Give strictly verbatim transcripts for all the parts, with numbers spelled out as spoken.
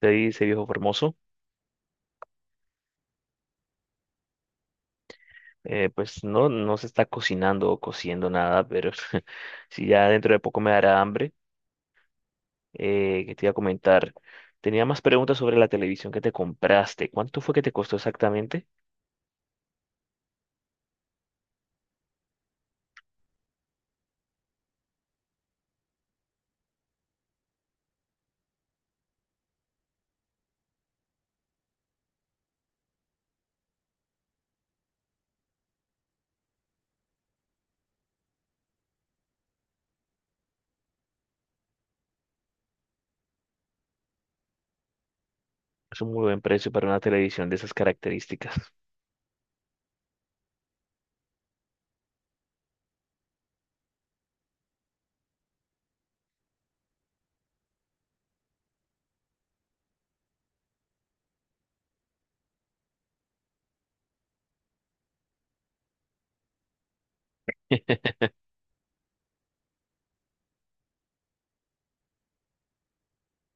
Te dice viejo formoso. Eh, pues no, no se está cocinando o cociendo nada, pero si ya dentro de poco me dará hambre. Eh, que te iba a comentar. Tenía más preguntas sobre la televisión que te compraste. ¿Cuánto fue que te costó exactamente? Es un muy buen precio para una televisión de esas características.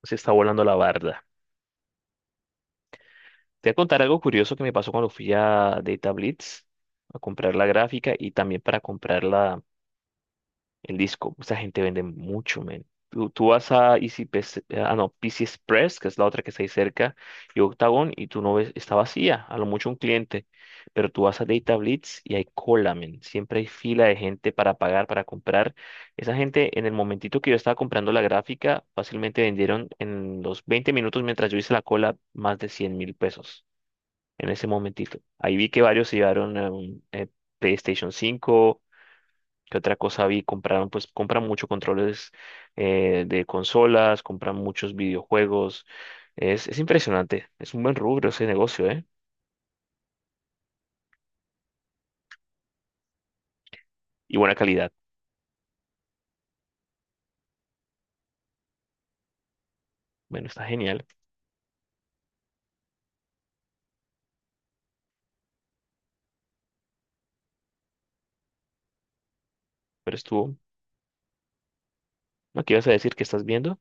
Se está volando la barda. Te voy a contar algo curioso que me pasó cuando fui a Data Blitz a comprar la gráfica y también para comprar la, en disco. Esa gente vende mucho, men. Tú, tú vas a Easy P C, ah, no, P C Express, que es la otra que está ahí cerca, y Octagon, y tú no ves, está vacía, a lo mucho un cliente. Pero tú vas a Data Blitz y hay cola, men. Siempre hay fila de gente para pagar, para comprar. Esa gente, en el momentito que yo estaba comprando la gráfica, fácilmente vendieron en los veinte minutos mientras yo hice la cola más de cien mil pesos. En ese momentito ahí vi que varios se llevaron eh, un, eh, PlayStation cinco. ¿Qué otra cosa vi? Compraron, pues compran mucho controles eh, de consolas, compran muchos videojuegos. Es, es impresionante. Es un buen rubro ese negocio, ¿eh? Y buena calidad. Bueno, está genial. Pero estuvo. ¿No? ¿Qué ibas a decir? ¿Qué estás viendo?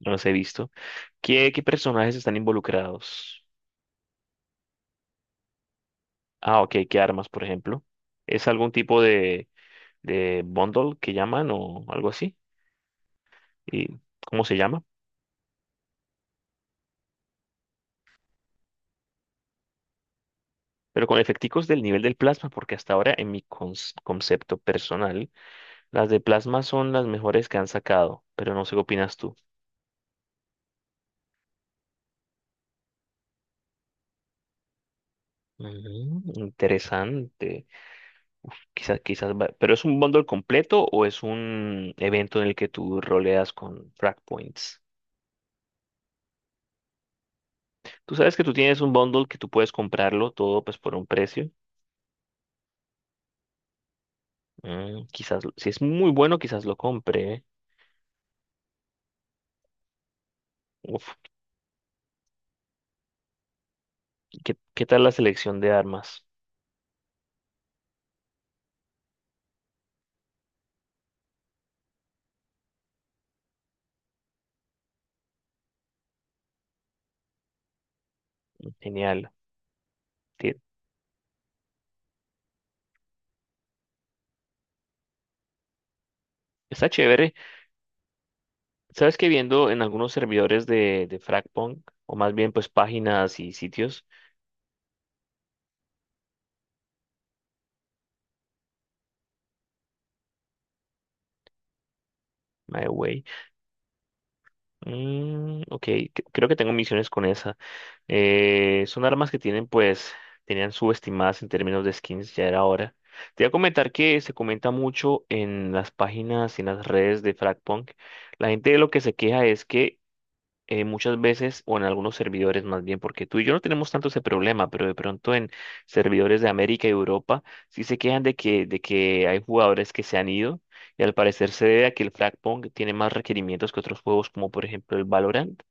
No los he visto. ¿Qué, qué personajes están involucrados? Ah, ok. ¿Qué armas, por ejemplo? ¿Es algún tipo de, de, bundle que llaman o algo así? ¿Y cómo se llama? Pero con efecticos del nivel del plasma, porque hasta ahora en mi cons- concepto personal, las de plasma son las mejores que han sacado, pero no sé qué opinas tú. Ujú, interesante. Quizás, quizás, va- pero ¿es un bundle completo o es un evento en el que tú roleas con frag points? Tú sabes que tú tienes un bundle que tú puedes comprarlo todo pues por un precio. Mm, quizás, lo- si es muy bueno, quizás lo compre, ¿eh? Uf, ¿qué, qué tal la selección de armas? Genial. Ti- Está chévere. Sabes que viendo en algunos servidores de, de, Fragpunk, o más bien pues páginas y sitios, MyWay. Mm, ok, c- creo que tengo misiones con esa. Eh, son armas que tienen, pues, tenían subestimadas en términos de skins, ya era hora. Te voy a comentar que se comenta mucho en las páginas y en las redes de Fragpunk. La gente de lo que se queja es que eh, muchas veces, o en algunos servidores más bien, porque tú y yo no tenemos tanto ese problema, pero de pronto en servidores de América y Europa sí se quejan de que, de que hay jugadores que se han ido, y al parecer se debe a que el Fragpong tiene más requerimientos que otros juegos, como por ejemplo el Valorant.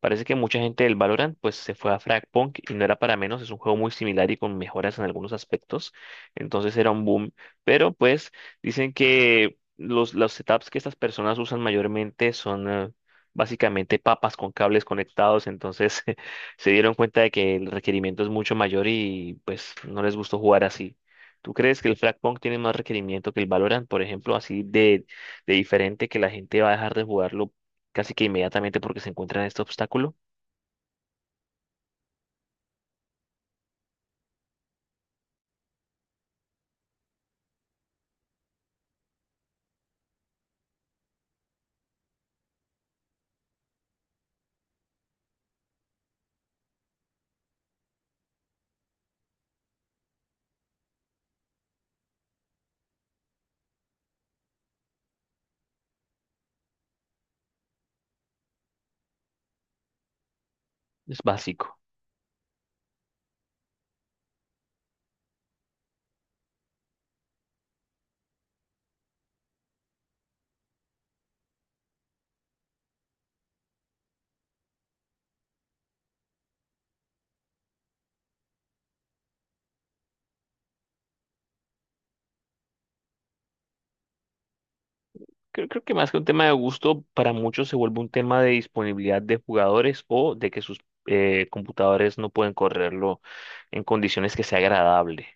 Parece que mucha gente del Valorant pues se fue a Fragpunk y no era para menos, es un juego muy similar y con mejoras en algunos aspectos, entonces era un boom, pero pues dicen que los, los setups que estas personas usan mayormente son eh, básicamente papas con cables conectados, entonces se dieron cuenta de que el requerimiento es mucho mayor y pues no les gustó jugar así. ¿Tú crees que el Fragpunk tiene más requerimiento que el Valorant, por ejemplo, así de, de diferente que la gente va a dejar de jugarlo casi que inmediatamente porque se encuentra en este obstáculo? Es básico. Creo, creo que más que un tema de gusto, para muchos se vuelve un tema de disponibilidad de jugadores o de que sus eh, computadores no pueden correrlo en condiciones que sea agradable.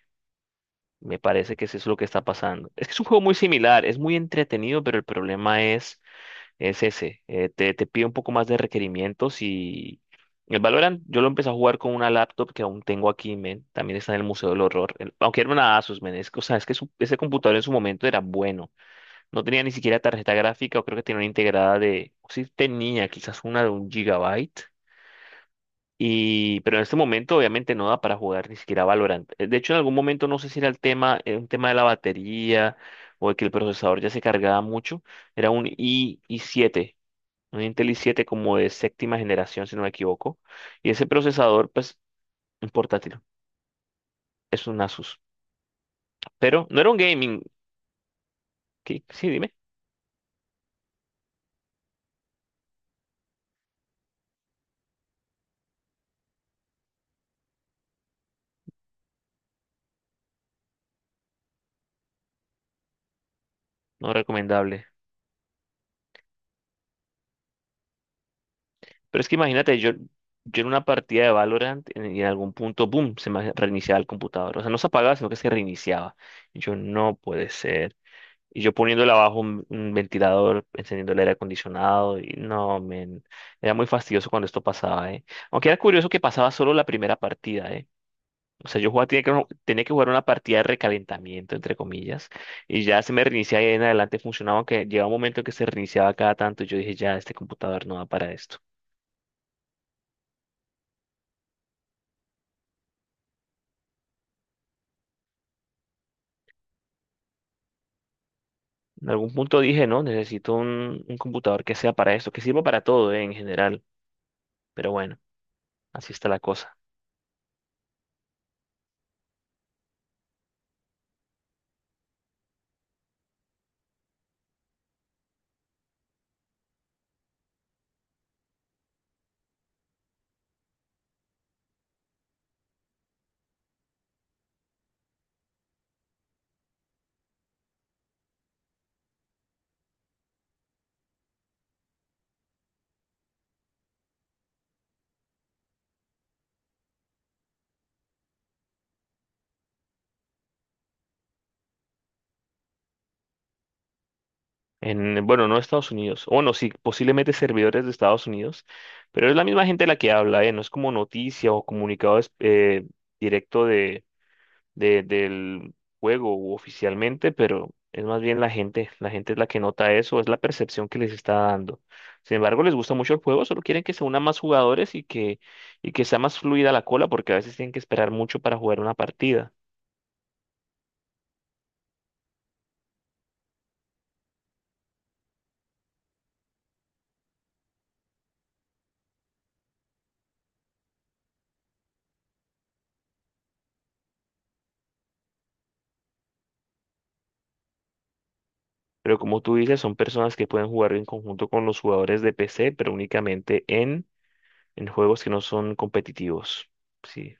Me parece que eso es lo que está pasando. Es que es un juego muy similar, es muy entretenido, pero el problema es, es ese. eh, te, te pide un poco más de requerimientos, y el Valorant yo lo empecé a jugar con una laptop que aún tengo aquí, men. También está en el Museo del Horror. el- aunque era una Asus, men. Es, que, o sea, es que su- ese computador en su momento era bueno. No tenía ni siquiera tarjeta gráfica, o creo que tenía una integrada de. Sí tenía quizás una de un gigabyte. Y, pero en este momento obviamente no da para jugar ni siquiera Valorant. Eh, De hecho, en algún momento no sé si era el tema, eh, un tema de la batería o de que el procesador ya se cargaba mucho. Era un i i7, un Intel i siete como de séptima generación, si no me equivoco. Y ese procesador, pues, un portátil, es un Asus. Pero no era un gaming. ¿Qué? Sí, dime, no recomendable. Pero es que imagínate, yo, yo, en una partida de Valorant, en, en algún punto, boom, se me reiniciaba el computador. O sea, no se apagaba, sino que se reiniciaba. Y yo, no puede ser. Y yo poniéndole abajo un, un, ventilador, encendiendo el aire acondicionado, y no, men, era muy fastidioso cuando esto pasaba, ¿eh? Aunque era curioso que pasaba solo la primera partida, ¿eh? O sea, yo jugaba, tenía que, tenía que jugar una partida de recalentamiento, entre comillas, y ya se me reiniciaba y en adelante funcionaba, aunque llegaba un momento en que se reiniciaba cada tanto, y yo dije, ya, este computador no va para esto. En algún punto dije, no, necesito un, un computador que sea para esto, que sirva para todo, eh, en general. Pero bueno, así está la cosa. En, bueno, no Estados Unidos. O no, sí, posiblemente servidores de Estados Unidos. Pero es la misma gente la que habla, eh, no es como noticia o comunicado es- eh, directo de, del juego u oficialmente, pero es más bien la gente. La gente es la que nota eso, es la percepción que les está dando. Sin embargo, les gusta mucho el juego, solo quieren que se unan más jugadores, y que, y que sea más fluida la cola, porque a veces tienen que esperar mucho para jugar una partida. Pero como tú dices, son personas que pueden jugar en conjunto con los jugadores de P C, pero únicamente en, en, juegos que no son competitivos. Sí,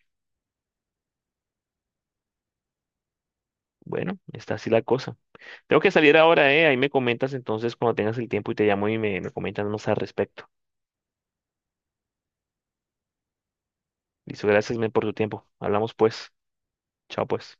bueno, está así la cosa. Tengo que salir ahora, ¿eh? Ahí me comentas entonces cuando tengas el tiempo y te llamo y me, me, comentas más al respecto. Listo, gracias, men, por tu tiempo. Hablamos pues. Chao, pues.